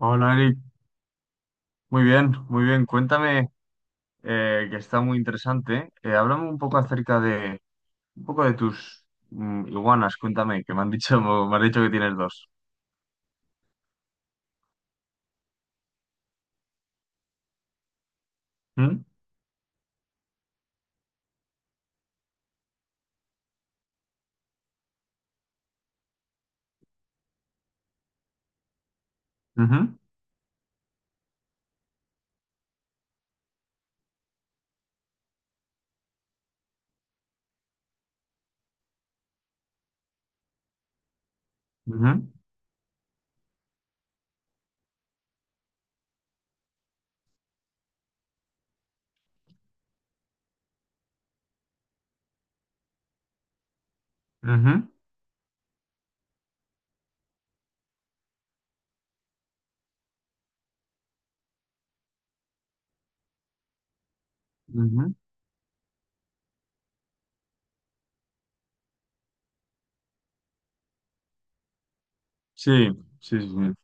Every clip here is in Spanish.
Hola Eric, muy bien, muy bien. Cuéntame, que está muy interesante. Háblame un poco de tus iguanas. Cuéntame, que me han dicho, me has dicho que tienes dos. ¿Mm? Ujú, ujú, ujú, ujú. Sí, sí, sí. Sí.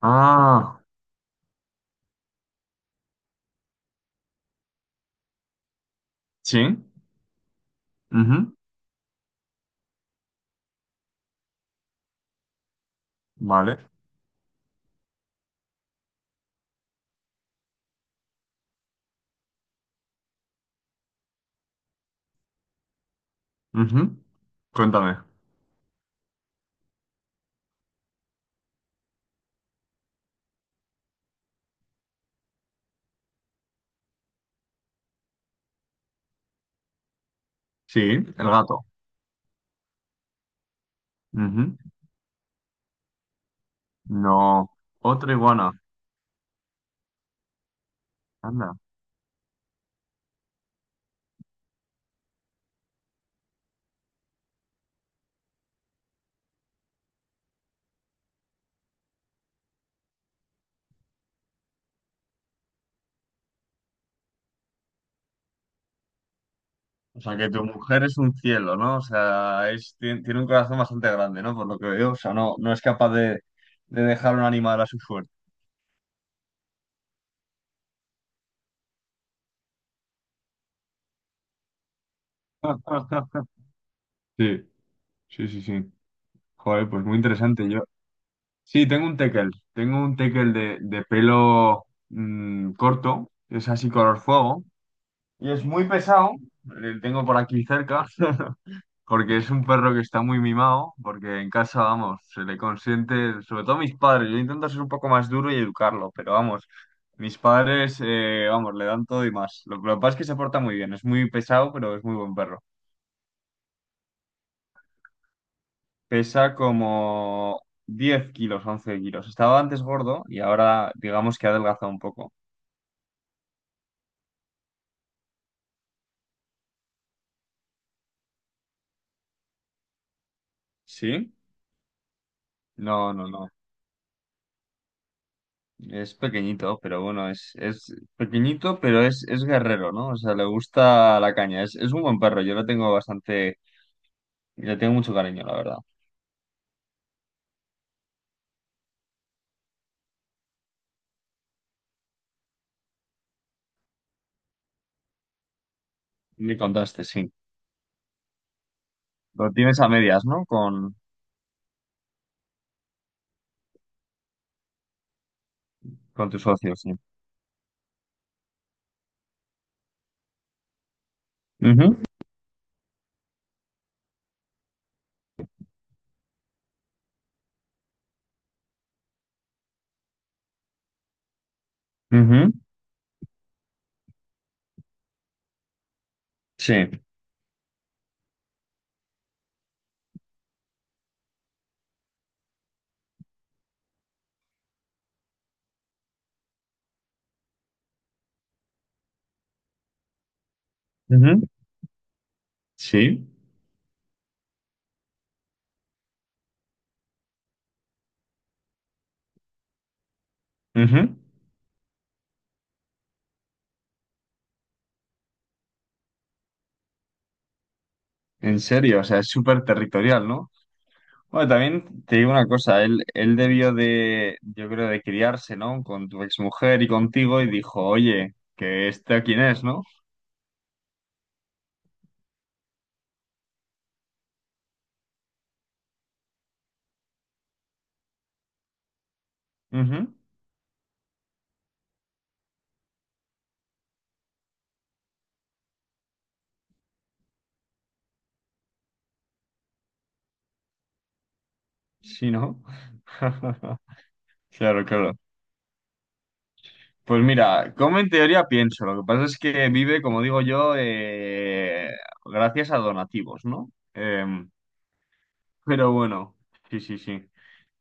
Ah, sí. Ujú. Vale. Ujú. Cuéntame. Sí, el gato. Ujú. No, otra iguana. Anda. O sea, que tu mujer es un cielo, ¿no? O sea, es, tiene, un corazón bastante grande, ¿no? Por lo que veo. O sea, no, no es capaz de dejar un animal a su suerte. Sí, sí, sí, sí. Joder, pues muy interesante. Yo, sí, tengo un tekel. Tengo un tekel de pelo corto. Es así color fuego. Y es muy pesado. Le tengo por aquí cerca. Porque es un perro que está muy mimado, porque en casa, vamos, se le consiente, sobre todo mis padres, yo intento ser un poco más duro y educarlo, pero vamos, mis padres, vamos, le dan todo y más. Lo que pasa es que se porta muy bien, es muy pesado, pero es muy buen perro. Pesa como 10 kilos, 11 kilos. Estaba antes gordo y ahora digamos que ha adelgazado un poco. ¿Sí? No, no, no. Es pequeñito, pero bueno, es pequeñito, pero es guerrero, ¿no? O sea, le gusta la caña. Es un buen perro, yo lo tengo bastante. Y le tengo mucho cariño, la verdad. Me contaste, sí. Lo tienes a medias, ¿no? con tus socios, sí. Ujú, ujú, sí. Ujú, sí. Ujú. En serio, o sea, es súper territorial, ¿no? Bueno, también te digo una cosa, él debió de, yo creo, de criarse, ¿no? Con tu exmujer y contigo y dijo, oye, que este quién es, ¿no? Ujú. Sí, ¿no? Claro, claro. Pues mira, como en teoría pienso, lo que pasa es que vive, como digo yo, gracias a donativos, ¿no? Pero bueno, sí, sí, sí.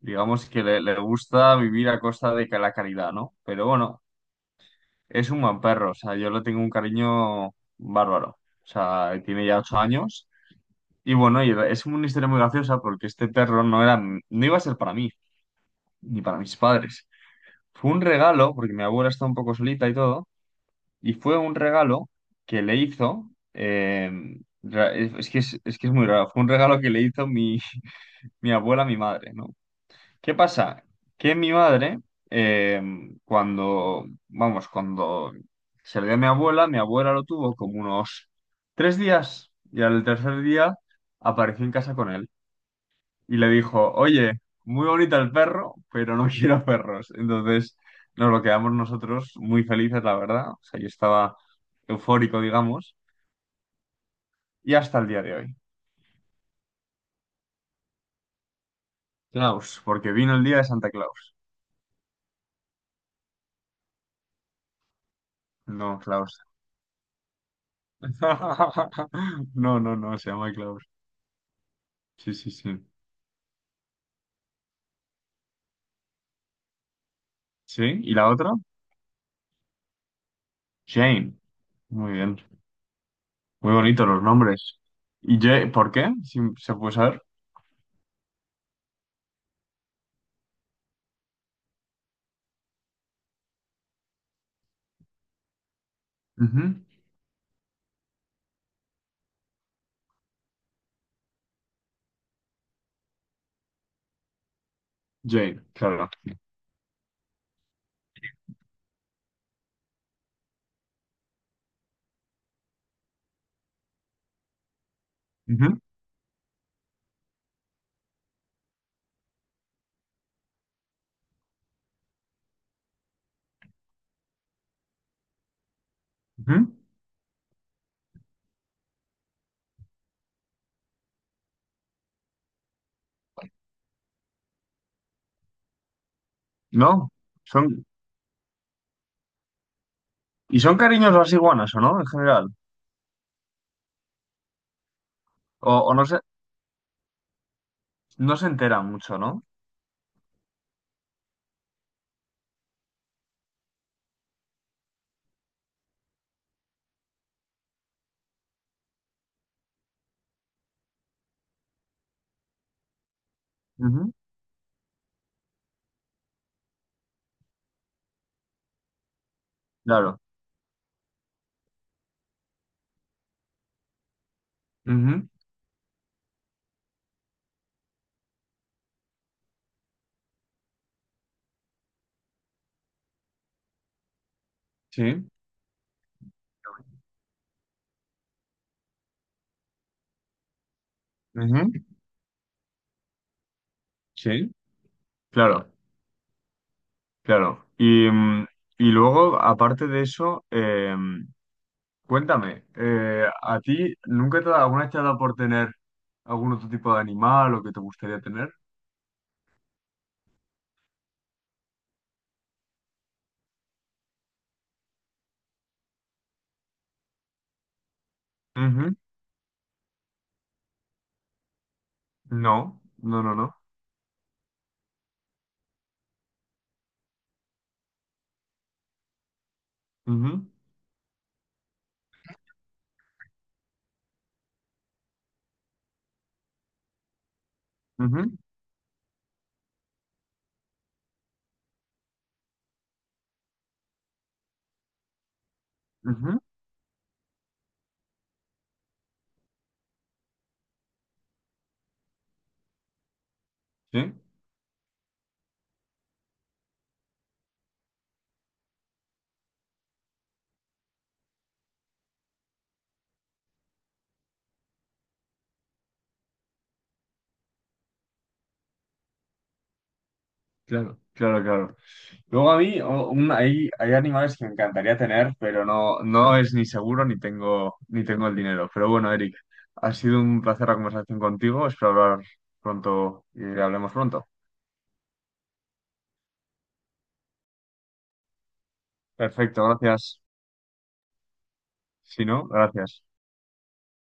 Digamos que le gusta vivir a costa de que la caridad, ¿no? Pero bueno, es un buen perro, o sea, yo le tengo un cariño bárbaro. O sea, tiene ya 8 años. Y bueno, y es una historia muy graciosa porque este perro no iba a ser para mí, ni para mis padres. Fue un regalo, porque mi abuela está un poco solita y todo. Y fue un regalo que le hizo, ra- es que es que es muy raro, fue un regalo que le hizo mi, mi abuela a mi madre, ¿no? ¿Qué pasa? Que mi madre, eh, cuando, vamos, cuando se le dio a mi abuela lo tuvo como unos 3 días y al tercer día apareció en casa con él y le dijo, oye, muy bonito el perro, pero no quiero perros. Entonces nos lo quedamos nosotros muy felices, la verdad. O sea, yo estaba eufórico, digamos, y hasta el día de hoy. Klaus, porque vino el día de Santa Claus. No, Klaus. No, no, no, se llama Klaus. Sí, sí, sí. ¿Sí? ¿Y la otra? Jane. Muy bien. Muy bonitos los nombres. ¿Y Jane? ¿Por qué? Si se puede saber. Ujú. Jane, claro. Ujú, ujú. No, son. ¿Y son cariños las iguanas o no, en general? O no se enteran mucho, ¿no? Ujú. Claro. Ujú. Sí. Ujú. Sí. Claro, claro. Y, y luego, aparte de eso, cuéntame, ¿a ti nunca alguna vez te ha dado por tener algún otro tipo de animal o que te gustaría tener? Ujú. No, no, no, no. Ujú, ujú, ujú. Sí. Claro, claro, claro. Luego a mí hay animales que me encantaría tener, pero no, no es ni seguro ni tengo, el dinero. Pero bueno, Eric, ha sido un placer la conversación contigo. Espero hablar pronto y hablemos pronto. Perfecto, gracias. Si no, gracias.